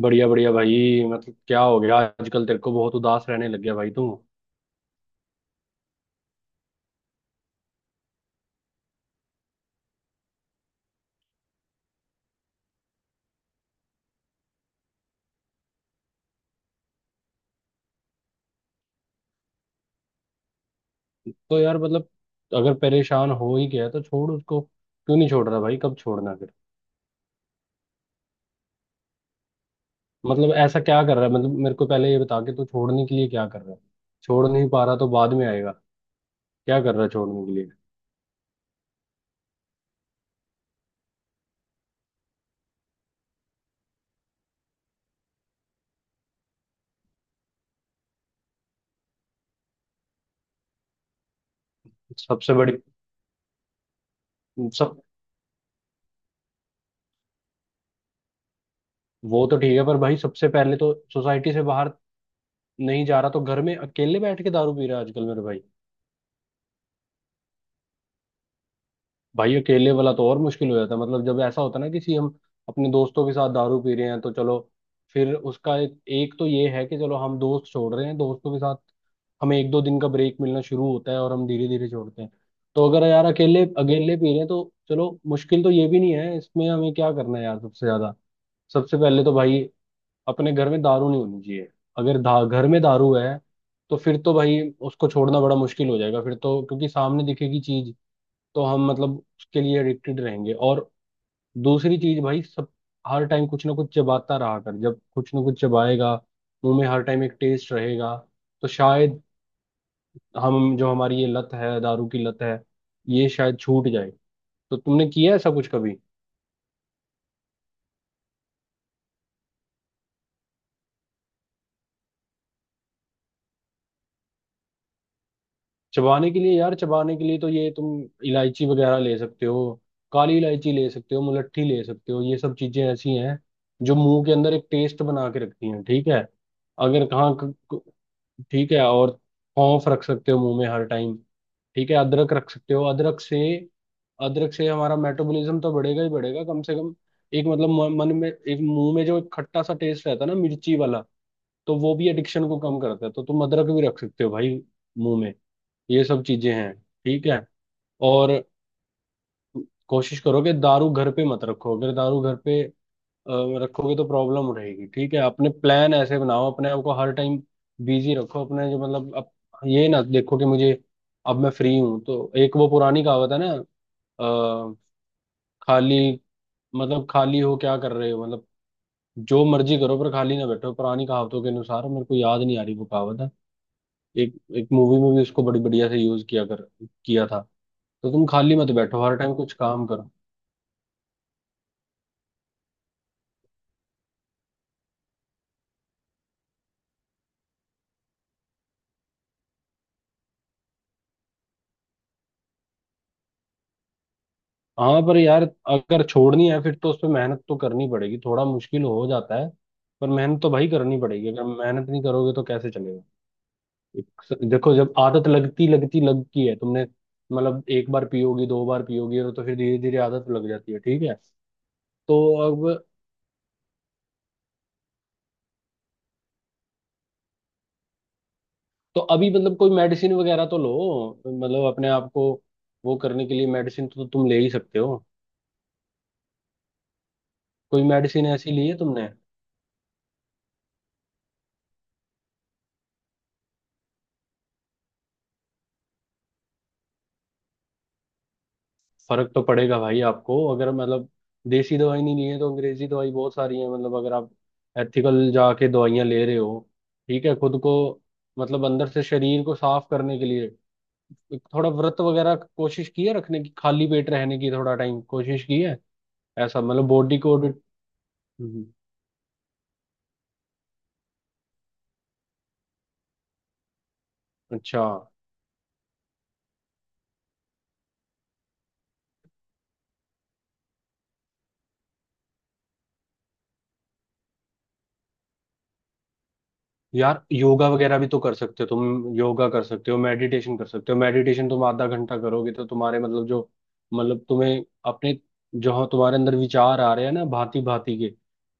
बढ़िया बढ़िया भाई। मतलब क्या हो गया आजकल? तेरे को बहुत उदास रहने लग गया भाई तू। तो यार मतलब अगर परेशान हो ही गया तो छोड़ उसको, क्यों नहीं छोड़ रहा भाई? कब छोड़ना फिर? मतलब ऐसा क्या कर रहा है? मतलब मेरे को पहले ये बता के तू छोड़ने के लिए क्या कर रहा है। छोड़ नहीं पा रहा तो बाद में आएगा। क्या कर रहा है छोड़ने के लिए? सबसे बड़ी सब वो तो ठीक है पर भाई, सबसे पहले तो सोसाइटी से बाहर नहीं जा रहा तो घर में अकेले बैठ के दारू पी रहा है आजकल मेरे भाई। भाई अकेले वाला तो और मुश्किल हो जाता है। मतलब जब ऐसा होता है ना, किसी हम अपने दोस्तों के साथ दारू पी रहे हैं तो चलो, फिर उसका एक तो ये है कि चलो हम दोस्त छोड़ रहे हैं, दोस्तों के साथ हमें एक दो दिन का ब्रेक मिलना शुरू होता है और हम धीरे धीरे छोड़ते हैं। तो अगर यार अकेले अकेले पी रहे हैं तो चलो, मुश्किल तो ये भी नहीं है। इसमें हमें क्या करना है यार? सबसे ज्यादा सबसे पहले तो भाई अपने घर में दारू नहीं होनी चाहिए। अगर घर में दारू है तो फिर तो भाई उसको छोड़ना बड़ा मुश्किल हो जाएगा फिर तो, क्योंकि सामने दिखेगी चीज, तो हम मतलब उसके लिए एडिक्टेड रहेंगे। और दूसरी चीज भाई सब हर टाइम कुछ ना कुछ चबाता रहा कर। जब कुछ ना कुछ चबाएगा मुंह में हर टाइम एक टेस्ट रहेगा, तो शायद हम जो हमारी ये लत है, दारू की लत है, ये शायद छूट जाए। तो तुमने किया ऐसा कुछ कभी? चबाने के लिए यार चबाने के लिए तो ये तुम इलायची वगैरह ले सकते हो, काली इलायची ले सकते हो, मुलट्ठी ले सकते हो। ये सब चीजें ऐसी हैं जो मुंह के अंदर एक टेस्ट बना के रखती हैं, ठीक है? अगर कहाँ ठीक है। और सौंफ रख सकते हो मुंह में हर टाइम, ठीक है? अदरक रख सकते हो। अदरक से हमारा मेटाबॉलिज्म तो बढ़ेगा ही बढ़ेगा। कम से कम एक मतलब मन में एक, मुंह में जो एक खट्टा सा टेस्ट रहता है ना मिर्ची वाला, तो वो भी एडिक्शन को कम करता है। तो तुम अदरक भी रख सकते हो भाई मुंह में। ये सब चीजें हैं, ठीक है? और कोशिश करो कि दारू घर पे मत रखो। अगर दारू घर पे अ, रखोगे तो प्रॉब्लम रहेगी, ठीक है? अपने प्लान ऐसे बनाओ, अपने आप को हर टाइम बिजी रखो। अपने जो मतलब अब ये ना देखो कि मुझे अब मैं फ्री हूं। तो एक वो पुरानी कहावत है ना, अ, खाली मतलब खाली हो क्या कर रहे हो, मतलब जो मर्जी करो पर खाली ना बैठो। पुरानी कहावतों के अनुसार, मेरे को याद नहीं आ रही वो कहावत है। एक एक मूवी में भी उसको बड़ी बढ़िया से यूज किया कर किया था। तो तुम खाली मत बैठो, हर टाइम कुछ काम करो। हाँ पर यार अगर छोड़नी है फिर तो उस पर मेहनत तो करनी पड़ेगी। थोड़ा मुश्किल हो जाता है पर मेहनत तो भाई करनी पड़ेगी। अगर मेहनत नहीं करोगे तो कैसे चलेगा? एक, देखो जब आदत लगती लगती लगती है तुमने, मतलब एक बार पियोगी दो बार पियोगी और तो फिर धीरे धीरे आदत लग जाती है, ठीक है? तो अब तो अभी मतलब कोई मेडिसिन वगैरह तो लो, मतलब अपने आप को वो करने के लिए मेडिसिन तो तुम ले ही सकते हो। कोई मेडिसिन ऐसी ली है तुमने? फर्क तो पड़ेगा भाई आपको। अगर मतलब देसी दवाई नहीं ली है तो अंग्रेजी दवाई बहुत सारी है। मतलब अगर आप एथिकल जाके दवाइयाँ ले रहे हो, ठीक है, खुद को मतलब अंदर से शरीर को साफ करने के लिए एक थोड़ा व्रत वगैरह कोशिश की है रखने की? खाली पेट रहने की थोड़ा टाइम कोशिश की है? ऐसा मतलब बॉडी को। हम्म, अच्छा। यार योगा वगैरह भी तो कर सकते हो, तुम योगा कर सकते हो, मेडिटेशन कर सकते हो। मेडिटेशन तुम आधा घंटा करोगे तो तुम्हारे मतलब जो मतलब तुम्हें अपने जो तुम्हारे अंदर विचार आ रहे हैं ना भांति भांति के,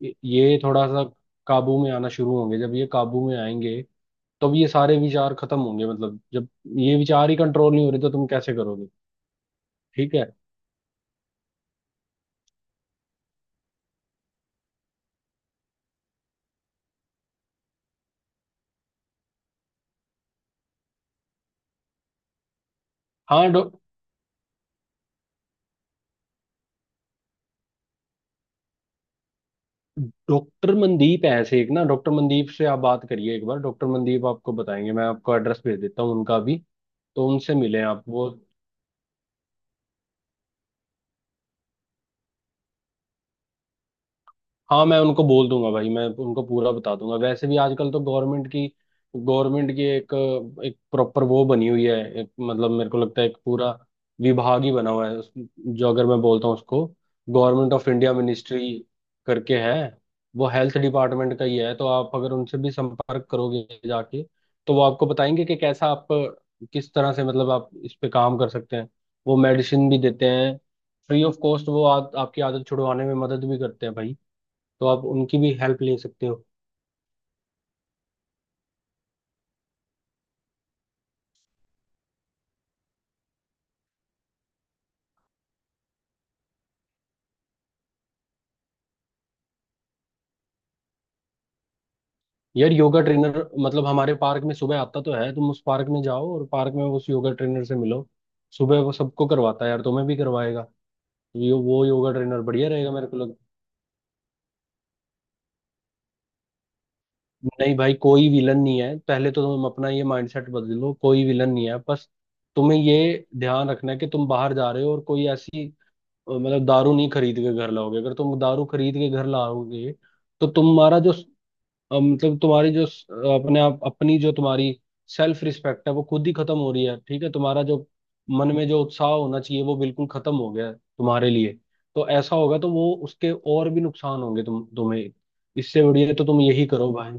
ये थोड़ा सा काबू में आना शुरू होंगे। जब ये काबू में आएंगे तब ये सारे विचार खत्म होंगे। मतलब जब ये विचार ही कंट्रोल नहीं हो रहे तो तुम कैसे करोगे? ठीक है। हाँ डॉ डॉक्टर मनदीप है ऐसे एक ना, डॉक्टर मनदीप से आप बात करिए एक बार। डॉक्टर मनदीप आपको बताएंगे, मैं आपको एड्रेस भेज देता हूँ उनका भी। तो उनसे मिले आप वो। हाँ मैं उनको बोल दूंगा भाई, मैं उनको पूरा बता दूंगा। वैसे भी आजकल तो गवर्नमेंट की एक एक प्रॉपर वो बनी हुई है। मतलब मेरे को लगता है एक पूरा विभाग ही बना हुआ है जो अगर मैं बोलता हूँ उसको गवर्नमेंट ऑफ इंडिया मिनिस्ट्री करके है, वो हेल्थ डिपार्टमेंट का ही है। तो आप अगर उनसे भी संपर्क करोगे जाके, तो वो आपको बताएंगे कि कैसा आप किस तरह से मतलब आप इस पे काम कर सकते हैं। वो मेडिसिन भी देते हैं फ्री ऑफ कॉस्ट। वो आपकी आदत छुड़वाने में मदद भी करते हैं भाई। तो आप उनकी भी हेल्प ले सकते हो। यार योगा ट्रेनर मतलब हमारे पार्क में सुबह आता तो है, तुम उस पार्क में जाओ और पार्क में उस योगा ट्रेनर से मिलो। सुबह वो सबको करवाता है यार, तुम्हें भी करवाएगा। वो योगा ट्रेनर बढ़िया रहेगा मेरे को लग। नहीं भाई, कोई विलन नहीं है। पहले तो तुम अपना ये माइंडसेट बदल लो, कोई विलन नहीं है। बस तुम्हें ये ध्यान रखना है कि तुम बाहर जा रहे हो और कोई ऐसी मतलब दारू नहीं खरीद के घर लाओगे। अगर तुम दारू खरीद के घर लाओगे तो तुम्हारा जो अब मतलब तुम्हारी जो अपने आप अपनी जो तुम्हारी सेल्फ रिस्पेक्ट है, वो खुद ही खत्म हो रही है, ठीक है? तुम्हारा जो मन में जो उत्साह होना चाहिए वो बिल्कुल खत्म हो गया है तुम्हारे लिए। तो ऐसा होगा तो वो उसके और भी नुकसान होंगे तुम तुम्हें। इससे बढ़िया तो तुम यही करो भाई।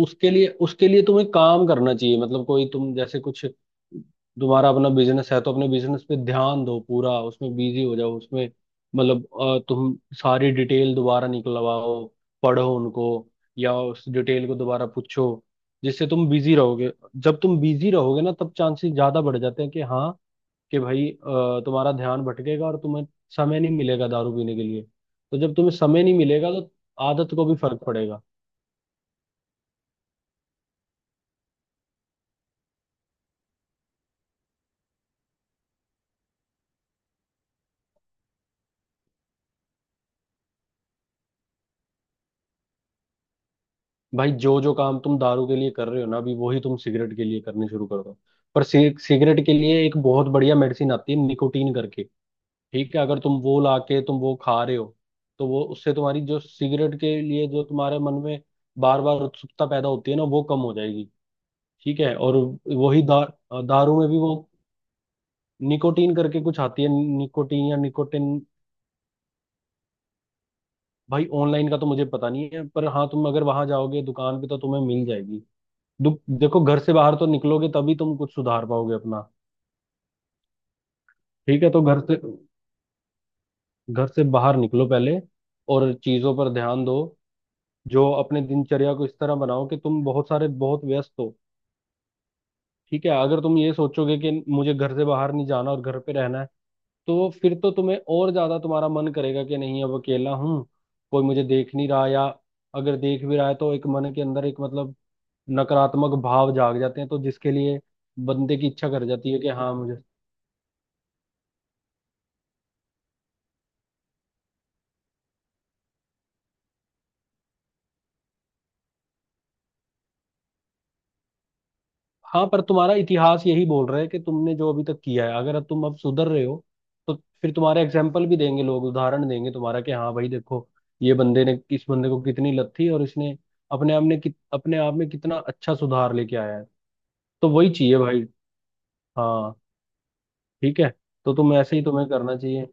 उसके लिए तुम्हें काम करना चाहिए। मतलब कोई तुम जैसे कुछ, तुम्हारा अपना बिजनेस है तो अपने बिजनेस पे ध्यान दो पूरा, उसमें बिजी हो जाओ। उसमें मतलब तुम सारी डिटेल दोबारा निकलवाओ, पढ़ो उनको, या उस डिटेल को दोबारा पूछो, जिससे तुम बिजी रहोगे। जब तुम बिजी रहोगे ना तब चांसेस ज्यादा बढ़ जाते हैं कि हाँ, कि भाई तुम्हारा ध्यान भटकेगा और तुम्हें समय नहीं मिलेगा दारू पीने के लिए। तो जब तुम्हें समय नहीं मिलेगा तो आदत को भी फर्क पड़ेगा। भाई जो जो काम तुम दारू के लिए कर रहे हो ना अभी, वही तुम सिगरेट के लिए करने शुरू कर दो। पर सिगरेट के लिए एक बहुत बढ़िया मेडिसिन आती है निकोटीन करके, ठीक है? अगर तुम वो ला के तुम वो खा रहे हो तो वो, उससे तुम्हारी जो सिगरेट के लिए जो तुम्हारे मन में बार बार उत्सुकता पैदा होती है ना, वो कम हो जाएगी, ठीक है? और वही दारू में भी वो निकोटीन करके कुछ आती है। निकोटीन या निकोटिन। भाई ऑनलाइन का तो मुझे पता नहीं है, पर हाँ तुम अगर वहां जाओगे दुकान पे तो तुम्हें मिल जाएगी। दुख देखो, घर से बाहर तो निकलोगे तभी तुम कुछ सुधार पाओगे अपना, ठीक है? तो घर से बाहर निकलो पहले और चीजों पर ध्यान दो। जो अपने दिनचर्या को इस तरह बनाओ कि तुम बहुत सारे बहुत व्यस्त हो, ठीक है? अगर तुम ये सोचोगे कि मुझे घर से बाहर नहीं जाना और घर पे रहना है, तो फिर तो तुम्हें और ज्यादा तुम्हारा मन करेगा कि नहीं अब अकेला हूँ, कोई मुझे देख नहीं रहा, या अगर देख भी रहा है तो एक मन के अंदर एक मतलब नकारात्मक भाव जाग जाते हैं, तो जिसके लिए बंदे की इच्छा कर जाती है कि हाँ मुझे। हाँ पर तुम्हारा इतिहास यही बोल रहा है कि तुमने जो अभी तक किया है, अगर तुम अब सुधर रहे हो तो फिर तुम्हारे एग्जाम्पल भी देंगे लोग, उदाहरण देंगे तुम्हारा, कि हाँ भाई देखो, ये बंदे ने इस बंदे को कितनी लत थी और इसने अपने आप ने अपने आप में कितना अच्छा सुधार लेके आया है। तो वही चाहिए भाई। हाँ, ठीक है। तो तुम ऐसे ही, तुम्हें करना चाहिए।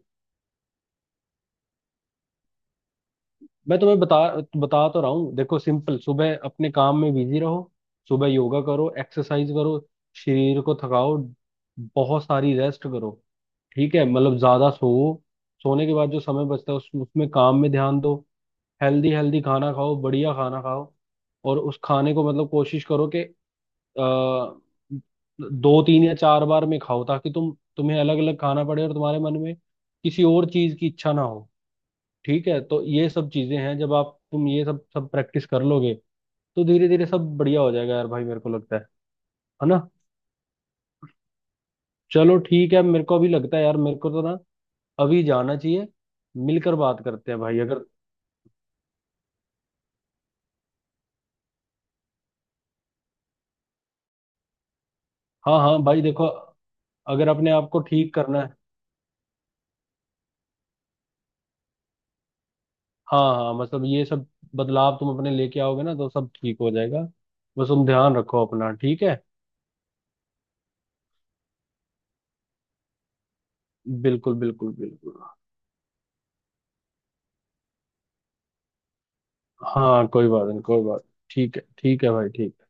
मैं तुम्हें बता बता तो रहा हूँ। देखो सिंपल, सुबह अपने काम में बिजी रहो, सुबह योगा करो, एक्सरसाइज करो, शरीर को थकाओ, बहुत सारी रेस्ट करो, ठीक है? मतलब ज्यादा सो, सोने के बाद जो समय बचता है उसमें काम में ध्यान दो। हेल्दी हेल्दी खाना खाओ, बढ़िया खाना खाओ, और उस खाने को मतलब कोशिश करो कि अ, दो तीन या चार बार में खाओ, ताकि तुम तुम्हें अलग अलग खाना पड़े और तुम्हारे मन में किसी और चीज की इच्छा ना हो, ठीक है? तो ये सब चीजें हैं, जब आप तुम ये सब सब प्रैक्टिस कर लोगे तो धीरे धीरे सब बढ़िया हो जाएगा यार भाई, मेरे को लगता है ना? चलो ठीक है, मेरे को अभी लगता है यार, मेरे को तो ना अभी जाना चाहिए, मिलकर बात करते हैं भाई अगर। हाँ हाँ भाई देखो, अगर अपने आप को ठीक करना है। हाँ हाँ, मतलब ये सब बदलाव तुम अपने लेके आओगे ना तो सब ठीक हो जाएगा। बस तुम ध्यान रखो अपना, ठीक है? बिल्कुल बिल्कुल बिल्कुल। हाँ, कोई बात नहीं, कोई बात। ठीक है, ठीक है भाई, ठीक।